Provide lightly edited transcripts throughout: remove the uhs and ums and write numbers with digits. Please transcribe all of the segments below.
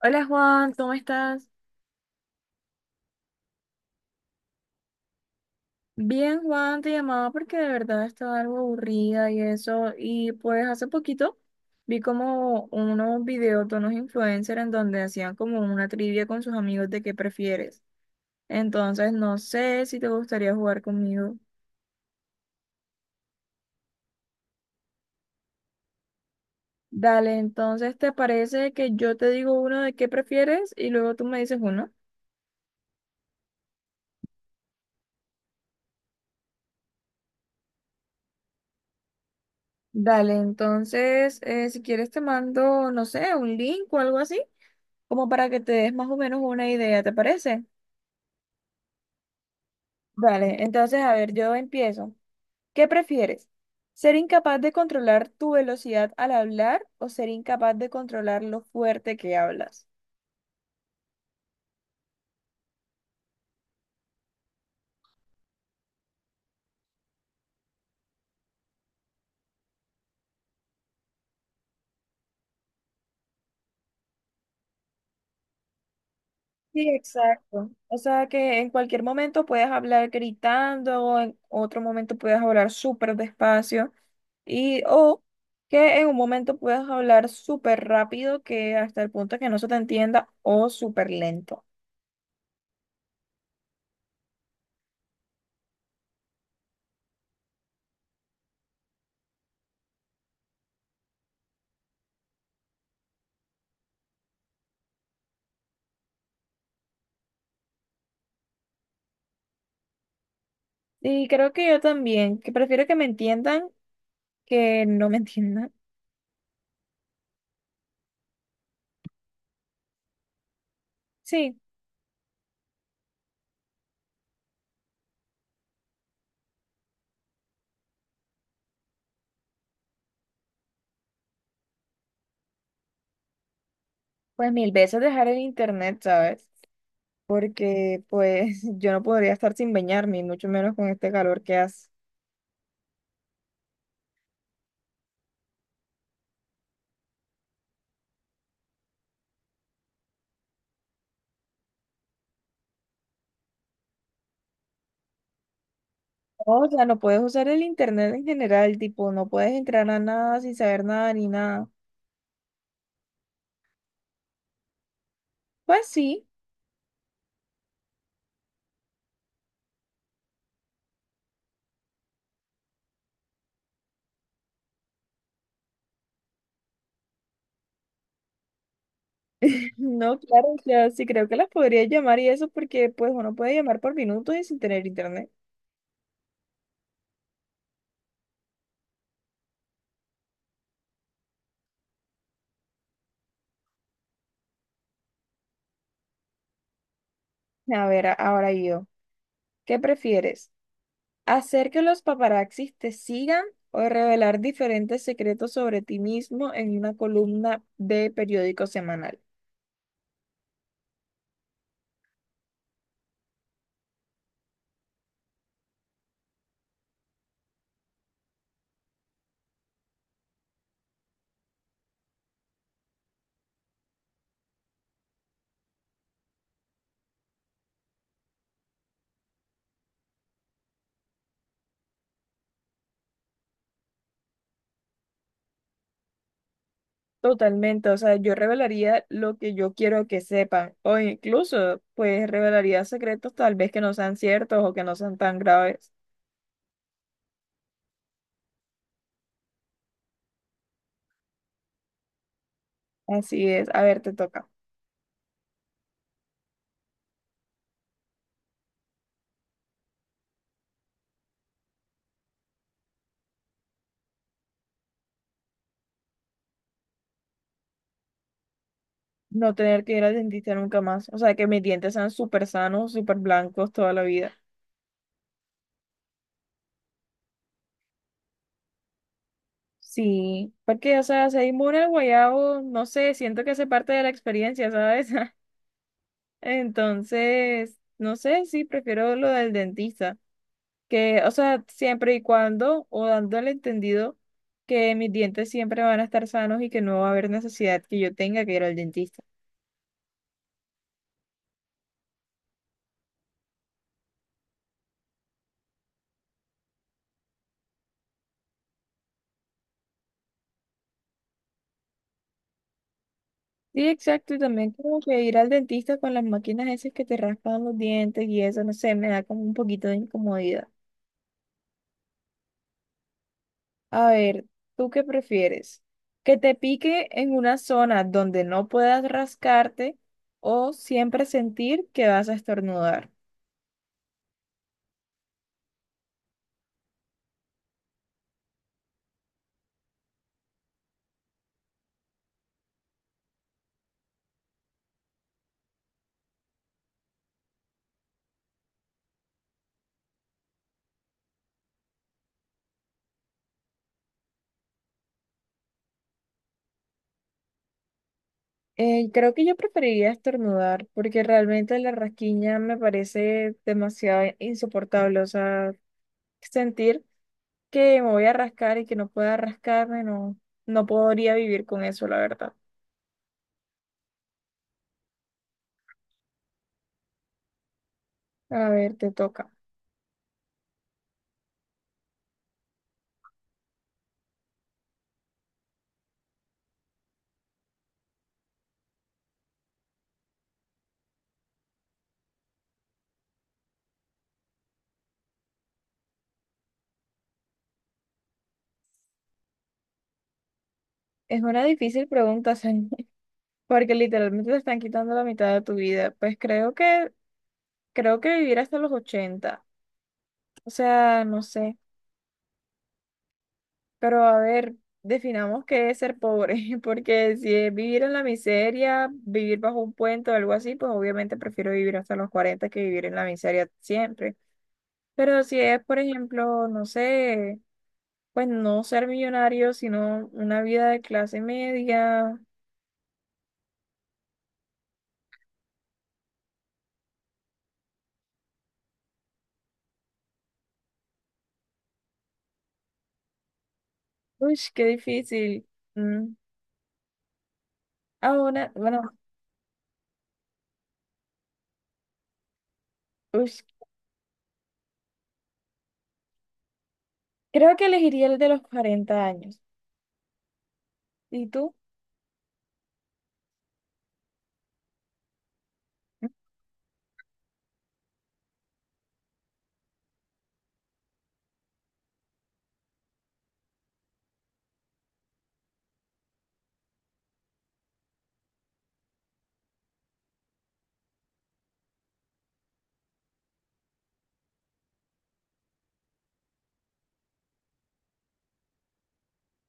Hola Juan, ¿cómo estás? Bien, Juan, te llamaba porque de verdad estaba algo aburrida y eso. Y pues hace poquito vi como unos videos de unos influencers en donde hacían como una trivia con sus amigos de qué prefieres. Entonces no sé si te gustaría jugar conmigo. Dale, entonces ¿te parece que yo te digo uno de qué prefieres y luego tú me dices uno? Dale, entonces si quieres te mando, no sé, un link o algo así, como para que te des más o menos una idea, ¿te parece? Vale, entonces, a ver, yo empiezo. ¿Qué prefieres? ¿Ser incapaz de controlar tu velocidad al hablar o ser incapaz de controlar lo fuerte que hablas? Sí, exacto. O sea que en cualquier momento puedes hablar gritando, o en otro momento puedes hablar súper despacio, y o que en un momento puedas hablar súper rápido que hasta el punto que no se te entienda, o súper lento. Y creo que yo también, que prefiero que me entiendan que no me entiendan. Sí. Pues mil veces dejar el internet, ¿sabes? Porque pues yo no podría estar sin bañarme, y mucho menos con este calor que hace. No, o sea, no puedes usar el internet en general, tipo, no puedes entrar a nada sin saber nada ni nada. Pues sí, no, claro, o sea, sí creo que las podría llamar y eso porque pues uno puede llamar por minutos y sin tener internet. A ver, ahora yo, ¿qué prefieres? ¿Hacer que los paparazzis te sigan o revelar diferentes secretos sobre ti mismo en una columna de periódico semanal? Totalmente, o sea, yo revelaría lo que yo quiero que sepan, o incluso, pues, revelaría secretos tal vez que no sean ciertos o que no sean tan graves. Así es, a ver, te toca. No tener que ir al dentista nunca más, o sea, que mis dientes sean súper sanos, súper blancos toda la vida. Sí, porque, o sea, ser inmune al guayabo, no sé, siento que hace parte de la experiencia, ¿sabes? Entonces, no sé, sí, prefiero lo del dentista, que, o sea, siempre y cuando, o dando el entendido que mis dientes siempre van a estar sanos y que no va a haber necesidad que yo tenga que ir al dentista. Sí, exacto, y también como que ir al dentista con las máquinas esas que te raspan los dientes y eso, no sé, me da como un poquito de incomodidad. A ver, ¿tú qué prefieres? ¿Que te pique en una zona donde no puedas rascarte o siempre sentir que vas a estornudar? Creo que yo preferiría estornudar porque realmente la rasquiña me parece demasiado insoportable. O sea, sentir que me voy a rascar y que no pueda rascarme, no podría vivir con eso, la verdad. A ver, te toca. Es una difícil pregunta, Sani, porque literalmente te están quitando la mitad de tu vida. Pues creo que vivir hasta los 80. O sea, no sé. Pero a ver, definamos qué es ser pobre, porque si es vivir en la miseria, vivir bajo un puente o algo así, pues obviamente prefiero vivir hasta los 40 que vivir en la miseria siempre. Pero si es, por ejemplo, no sé, pues no ser millonario, sino una vida de clase media, uy, qué difícil. Mm. Ahora, bueno, uy, creo que elegiría el de los 40 años. ¿Y tú?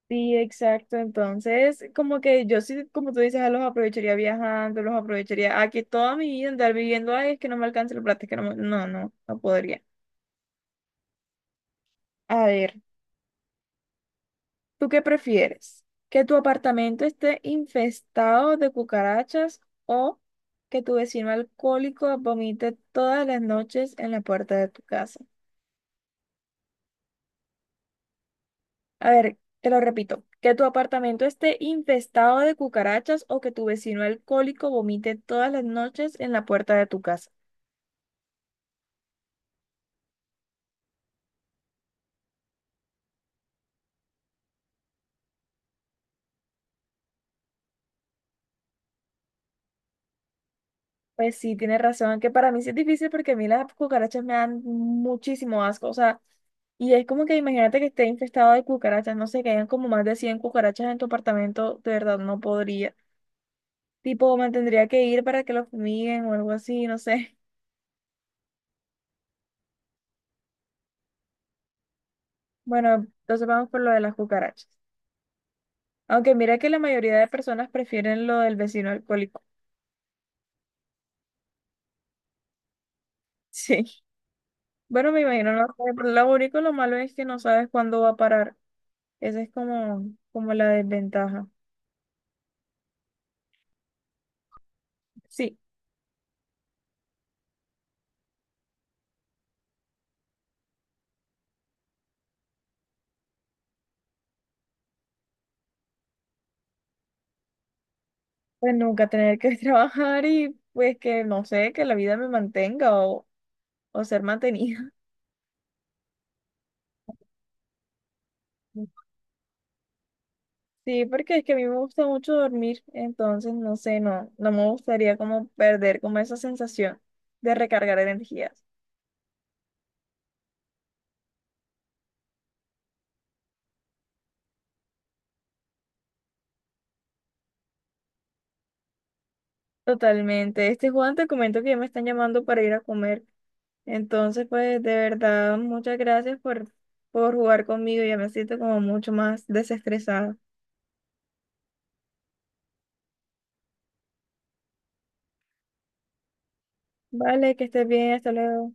Sí, exacto. Entonces, como que yo sí, como tú dices, ah, los aprovecharía viajando, los aprovecharía. Aquí toda mi vida andar viviendo, ay, es que no me alcanza el plata, es que no, no, no podría. A ver, ¿tú qué prefieres? ¿Que tu apartamento esté infestado de cucarachas o que tu vecino alcohólico vomite todas las noches en la puerta de tu casa? A ver, te lo repito, que tu apartamento esté infestado de cucarachas o que tu vecino alcohólico vomite todas las noches en la puerta de tu casa. Pues sí, tienes razón, que para mí sí es difícil porque a mí las cucarachas me dan muchísimo asco, o sea, y es como que imagínate que esté infestado de cucarachas, no sé, que hayan como más de 100 cucarachas en tu apartamento, de verdad no podría. Tipo, me tendría que ir para que lo fumiguen o algo así, no sé. Bueno, entonces vamos por lo de las cucarachas. Aunque mira que la mayoría de personas prefieren lo del vecino alcohólico. Sí. Bueno, me imagino, no sé, pero lo único, lo malo es que no sabes cuándo va a parar. Esa es como, como la desventaja. Sí. Pues nunca tener que trabajar y pues que no sé, que la vida me mantenga o ser mantenida. Sí, porque es que a mí me gusta mucho dormir, entonces no sé, no me gustaría como perder como esa sensación de recargar energías. Totalmente. Este Juan, te comento que ya me están llamando para ir a comer. Entonces, pues de verdad, muchas gracias por jugar conmigo. Ya me siento como mucho más desestresada. Vale, que estés bien, hasta luego.